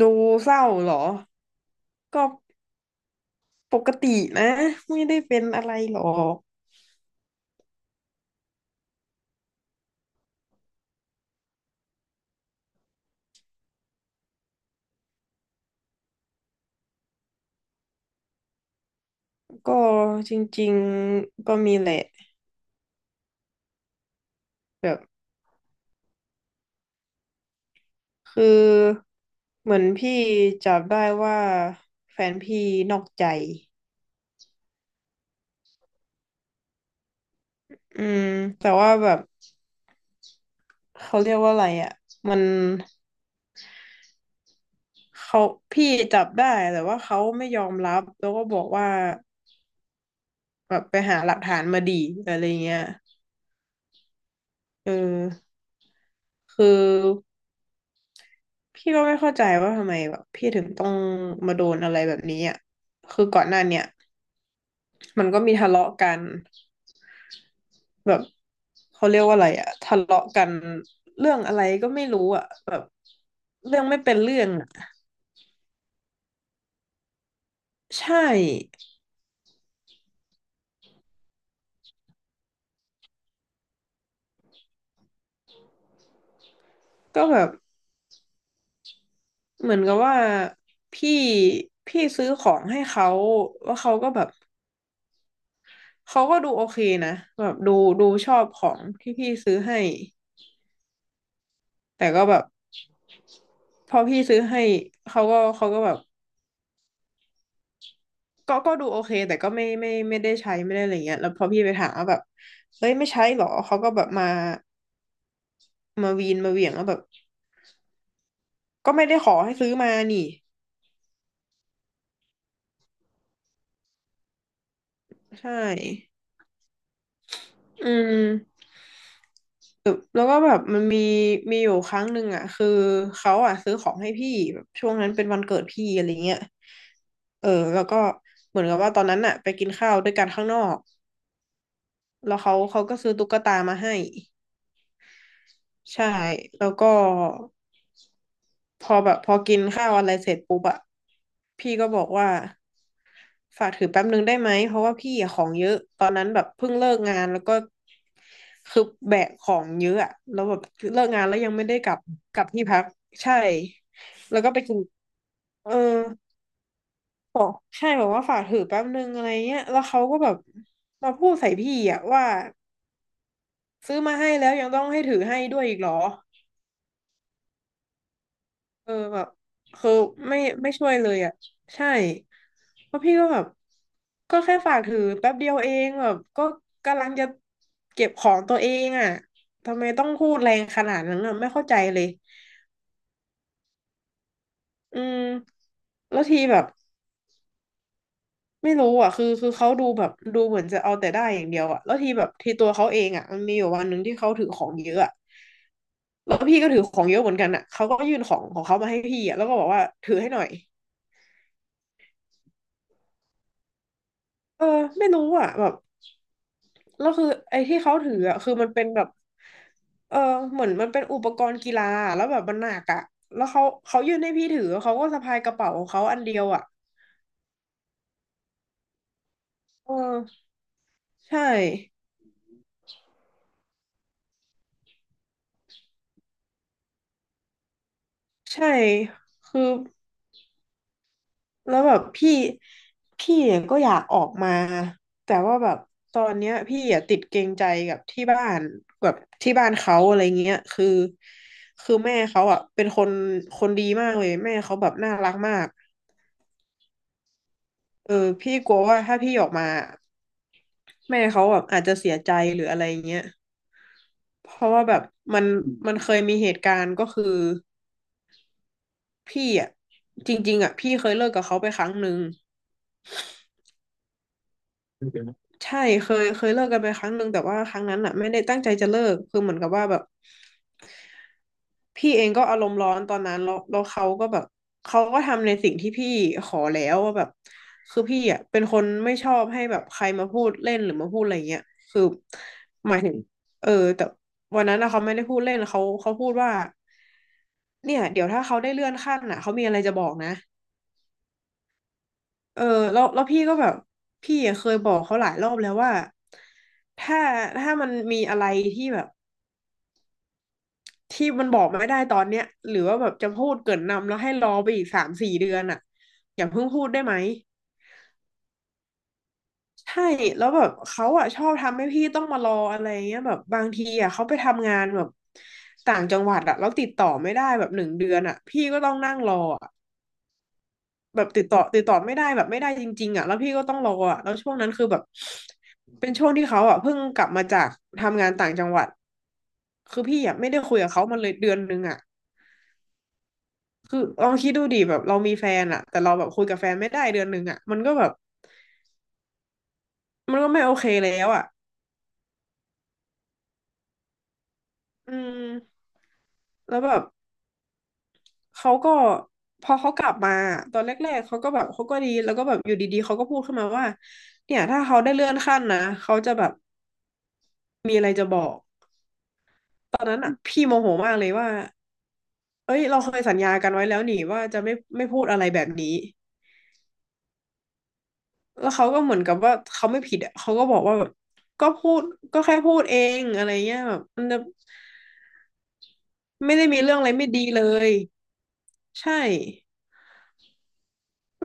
ดูเศร้าเหรอ ก็ปกตินะ ไม่ได้เป็นอะไรหรอก ก็จริงๆก็มีแหละแบบคือเหมือนพี่จับได้ว่าแฟนพี่นอกใจอืมแต่ว่าแบบเขาเรียกว่าอะไรอ่ะ มันเขาพี่จับได้แต่ว่าเขาไม่ยอมรับแล้วก็บอกว่าแบบไปหาหลักฐานมาดีอะไรเงี้ยเออคือ พี่ก็ไม่เข้าใจว่าทำไมแบบพี่ถึงต้องมาโดนอะไรแบบนี้อ่ะคือก่อนหน้าเนี่ยมันก็มีทะเลาะกันแบบเขาเรียกว่าอะไรอ่ะทะเลาะกันเรื่องอะไรก็ไม่รู้อ่ะแบบเรื่องไม่เป็นเรื่องอ่ะใช่ก็แบบเหมือนกับว่าพี่พี่ซื้อของให้เขาว่าเขาก็แบบเขาก็ดูโอเคนะแบบดูชอบของที่พี่ซื้อให้แต่ก็แบบพอพี่ซื้อให้เขาก็แบบ ก็ดูโอเคแต่ก็ไม่ได้ใช้ไม่ได้อะไรเงี้ยแล้วพอพี่ไปถามว่าแบบเฮ้ยไม่ใช้หรอเขาก็แบบมาวีนมาเหวี่ยงว่าแบบก็ไม่ได้ขอให้ซื้อมานี่ใช่อืมแล้วก็แบบมันมีอยู่ครั้งหนึ่งอ่ะคือเขาอ่ะซื้อของให้พี่แบบช่วงนั้นเป็นวันเกิดพี่อะไรเงี้ยเออแล้วก็เหมือนกับว่าตอนนั้นอ่ะไปกินข้าวด้วยกันข้างนอกแล้วเขาก็ซื้อตุ๊กตามาให้ใช่แล้วก็ พอแบบพอกินข้าวอะไรเสร็จปุ๊บอะพี่ก็บอกว่าฝากถือแป๊บนึงได้ไหมเพราะว่าพี่อะของเยอะตอนนั้นแบบเพิ่งเลิกงานแล้วก็คือแบกของเยอะอะแล้วแบบเลิกงานแล้วยังไม่ได้กลับกลับที่พักใช่แล้วก็ไปกินเออบอกใช่บอกว่าฝากถือแป๊บนึงอะไรเงี้ยแล้วเขาก็แบบมาพูดใส่พี่อะว่าซื้อมาให้แล้วยังต้องให้ถือให้ด้วยอีกเหรอ เออแบบคือไม่ไม่ช่วยเลยอ่ะใช่เพราะพี่ก็แบบก็แค่ฝากถือแป๊บเดียวเองแบบก็กำลังจะเก็บของตัวเองอ่ะทำไมต้องพูดแรงขนาดนั้นอ่ะไม่เข้าใจเลยอืมแล้วทีแบบไม่รู้อ่ะคือเขาดูแบบดูเหมือนจะเอาแต่ได้อย่างเดียวอ่ะแล้วทีแบบทีตัวเขาเองอ่ะมันมีอยู่วันหนึ่งที่เขาถือของเยอะอะแล้วพี่ก็ถือของเยอะเหมือนกันอ่ะเขาก็ยื่นของของเขามาให้พี่อ่ะแล้วก็บอกว่าถือให้หน่อยเออไม่รู้อ่ะแบบ แล้วคือไอ้ที่เขาถืออ่ะคือมันเป็นแบบเออเหมือนมันเป็นอุปกรณ์กีฬาอะแล้วแบบมันหนักอ่ะแล้วเขายื่นให้พี่ถือเขาก็สะพายกระเป๋าของเขาอันเดียวอ่ะเออใช่ใช่คือแล้วแบบพี่เนี่ยก็อยากออกมา แต่ว่าแบบตอนเนี้ยพี่อ่ะติดเกรงใจกับที่บ้านแบบที่บ้านเขาอะไรเงี้ยคือคือแม่เขาอ่ะเป็นคนดีมากเลยแม่เขาแบบน่ารักมากเออพี่กลัวว่าถ้าพี่ออกมา แม่เขาแบบอาจจะเสียใจหรืออะไรเงี้ยเพราะว่าแบบมันมันเคยมีเหตุการณ์ก็คือพี่อ่ะจริงๆอ่ะพี่เคยเลิกกับเขาไปครั้งหนึ่งใช่เคยเลิกกันไปครั้งหนึ่งแต่ว่าครั้งนั้นอ่ะไม่ได้ตั้งใจจะเลิกคือเหมือนกับว่าแบบ พี่เองก็อารมณ์ร้อนตอนนั้นแล้วเขาก็แบบเขาก็ทำในสิ่งที่พี่ขอแล้วว่าแบบคือพี่อ่ะเป็นคนไม่ชอบให้แบบใครมาพูดเล่นหรือมาพูดอะไรเงี้ยคือหมายถึงเออแต่วันนั้นอะเขาไม่ได้พูดเล่นเขาพูดว่าเนี่ยเดี๋ยวถ้าเขาได้เลื่อนขั้นอ่ะเขามีอะไรจะบอกนะเออแล้วพี่ก็แบบพี่อะเคยบอกเขาหลายรอบแล้วว่าถ้าถ้ามันมีอะไรที่แบบ ที่มันบอกไม่ได้ตอนเนี้ยหรือว่าแบบจะพูดเกริ่นนำแล้วให้รอไปอีก3-4 เดือนอ่ะอย่าเพิ่งพูดได้ไหมใช่แล้วแบบเขาอ่ะชอบทำให้พี่ต้องมารออะไรเงี้ยแบบบางทีอ่ะเขาไปทำงานแบบต่างจังหวัดอ่ะแล้วติดต่อไม่ได้แบบ1 เดือนอ่ะพี่ก็ต้องนั่งรออะแบบติดต่อไม่ได้แบบไม่ได้จริงๆอ่ะแล้วพี่ก็ต้องรออ่ะแล้วช่วงนั้นคือแบบเป็นช่วงที่เขาอ่ะเพิ่งกลับมาจากทำงานต่างจังหวัดคือพี่อ่ะไม่ได้คุยกับเขามาเลย1 เดือนอ่ะ คือลองคิดดูดิแบบเรามีแฟนอะแต่เราแบบคุยกับแฟนไม่ได้เดือนหนึ่งอะมันก็แบบมันก็ไม่โอเคแล้วอะอืมแล้วแบบเขาก็พอเขากลับมาตอนแรกๆเขาก็แบบเขาก็ดีแล้วก็แบบอยู่ดีๆเขาก็พูดขึ้นมาว่าเนี่ยถ้าเขาได้เลื่อนขั้นนะเขาจะแบบมีอะไรจะบอกตอนนั้นอะพี่โมโหมากเลยว่าเอ้ยเราเคยสัญญากันไว้แล้วนี่ว่าจะไม่พูดอะไรแบบนี้แล้วเขาก็เหมือนกับว่าเขาไม่ผิดอะเขาก็บอกว่าแบบก็พูดก็แค่พูดเองอะไรเงี้ยแบบมันจะ ไม่ได้มีเรื่องอะไรไม่ดีเลยใช่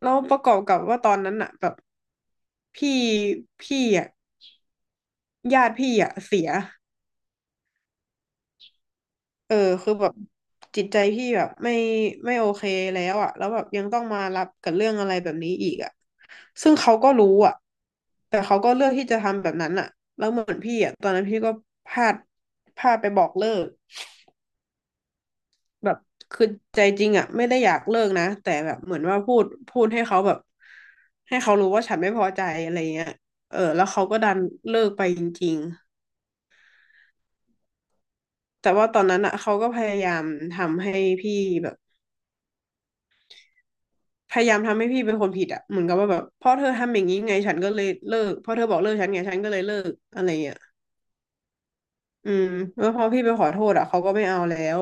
แล้วประกอบกับว่าตอนนั้นอะแบบพี่พี่อะญาติพี่อะเสียเออคือแบบจิตใจพี่แบบไม่โอเคแล้วอะแล้วแบบยังต้องมารับกับเรื่องอะไรแบบนี้อีกอะซึ่งเขาก็รู้อะแต่เขาก็เลือกที่จะทำแบบนั้นอะแล้วเหมือนพี่อะตอนนั้นพี่ก็พลาดพลาดไปบอกเลิก แบบคือใจจริงอ่ะไม่ได้อยากเลิกนะแต่แบบเหมือนว่าพูดให้เขาแบบให้เขารู้ว่าฉันไม่พอใจอะไรเงี้ยเออแล้วเขาก็ดันเลิกไปจริงๆแต่ว่าตอนนั้นอ่ะเขาก็พยายามทำให้พี่แบบพยายามทำให้พี่เป็นคนผิดอ่ะเหมือนกับว่าแบบเพราะเธอทำอย่างนี้ไงฉันก็เลยเลิกเพราะเธอบอกเลิกฉันไงฉันก็เลยเลิกอะไรเงี้ยอืมแล้วพอพี่ไปขอโทษอ่ะเขาก็ไม่เอาแล้ว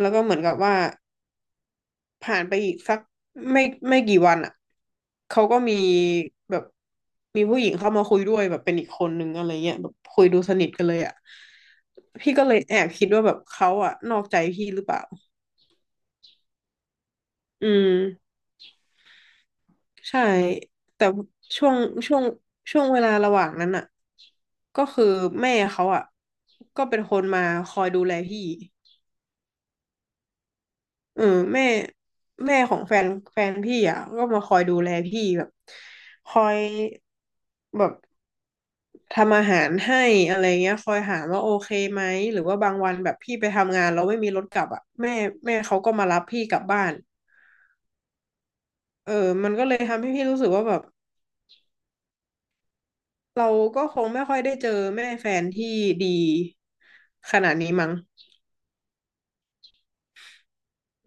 แล้วก็เหมือนกับว่า ผ่านไปอีกสักไม่ไม่กี่วันอ่ะเขาก็มีแบบมีผู้หญิงเข้ามาคุยด้วยแบบเป็นอีกคนนึงอะไรเงี้ยแบบคุยดูสนิทกันเลยอ่ะพี่ก็เลยแอบคิดว่าแบบเขาอ่ะนอกใจพี่หรือเปล่าอืมใช่แต่ช่วงช่วงช่วงเวลาระหว่างนั้นอ่ะก็คือแม่เขาอ่ะก็เป็นคนมาคอยดูแลพี่ เออแม่แม่ของแฟนแฟนพี่อ่ะก็มาคอยดูแลพี่แบบคอยแบบทำอาหารให้อะไรเงี้ยคอยถามว่าโอเคไหมหรือว่าบางวันแบบพี่ไปทำงานแล้วไม่มีรถกลับอ่ะแม่เขาก็มารับพี่กลับบ้านเออมันก็เลยทำให้พี่รู้สึกว่าแบบเราก็คงไม่ค่อยได้เจอแม่แฟนที่ดีขนาดนี้มั้ง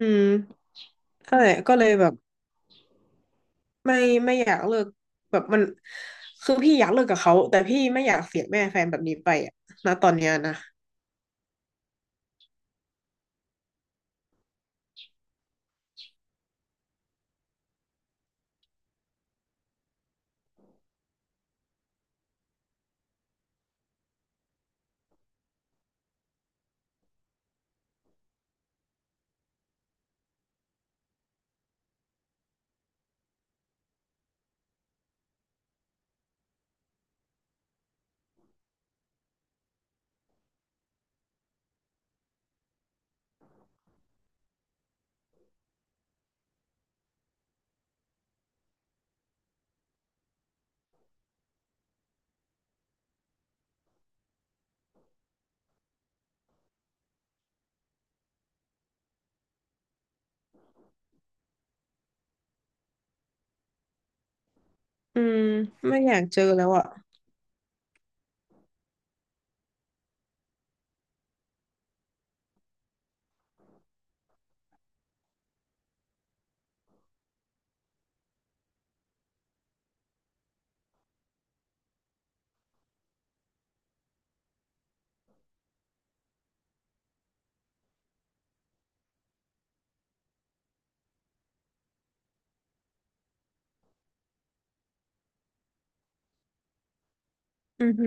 อืมก็เลยแบบ ไม่ไม่อยากเลิกแบบมันคือพี่อยากเลิกกับเขาแต่พี่ไม่อยากเสียแม่แฟนแบบนี้ไปอะนะตอนเนี้ยนะอืมไม่อยากเจอแล้วอ่ะอือฮึ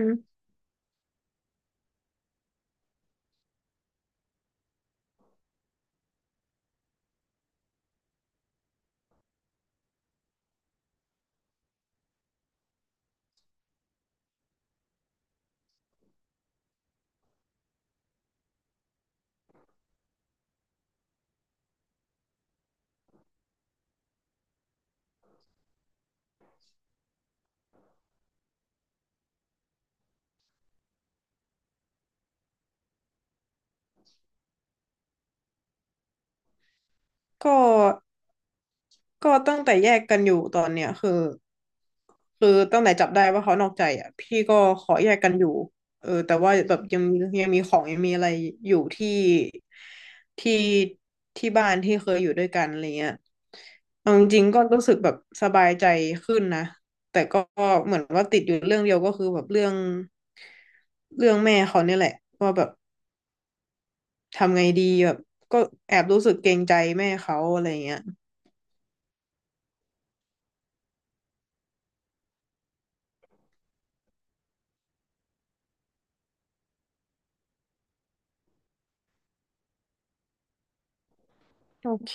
ก็ ก็ตั้งแต่แยกกันอยู่ตอนเนี้ยคือคือตั้งแต่จับได้ว่าเขานอกใจอ่ะพี่ก็ขอแยกกันอยู่เออแต่ว่าแบบยังมียังมีของยังมีอะไรอยู่ที่ที่ที่บ้านที่เคยอยู่ด้วยกันอะไรเงี้ยเอาจริงๆก็รู้สึกแบบสบายใจขึ้นนะแต่ก็เหมือนว่าติดอยู่เรื่องเดียวก็คือแบบเรื่องแม่เขาเนี่ยแหละว่าแบบทำไงดีแบบก็แอบรู้สึกเกรงใจแม่เขาอะไรเงี้ยโอเค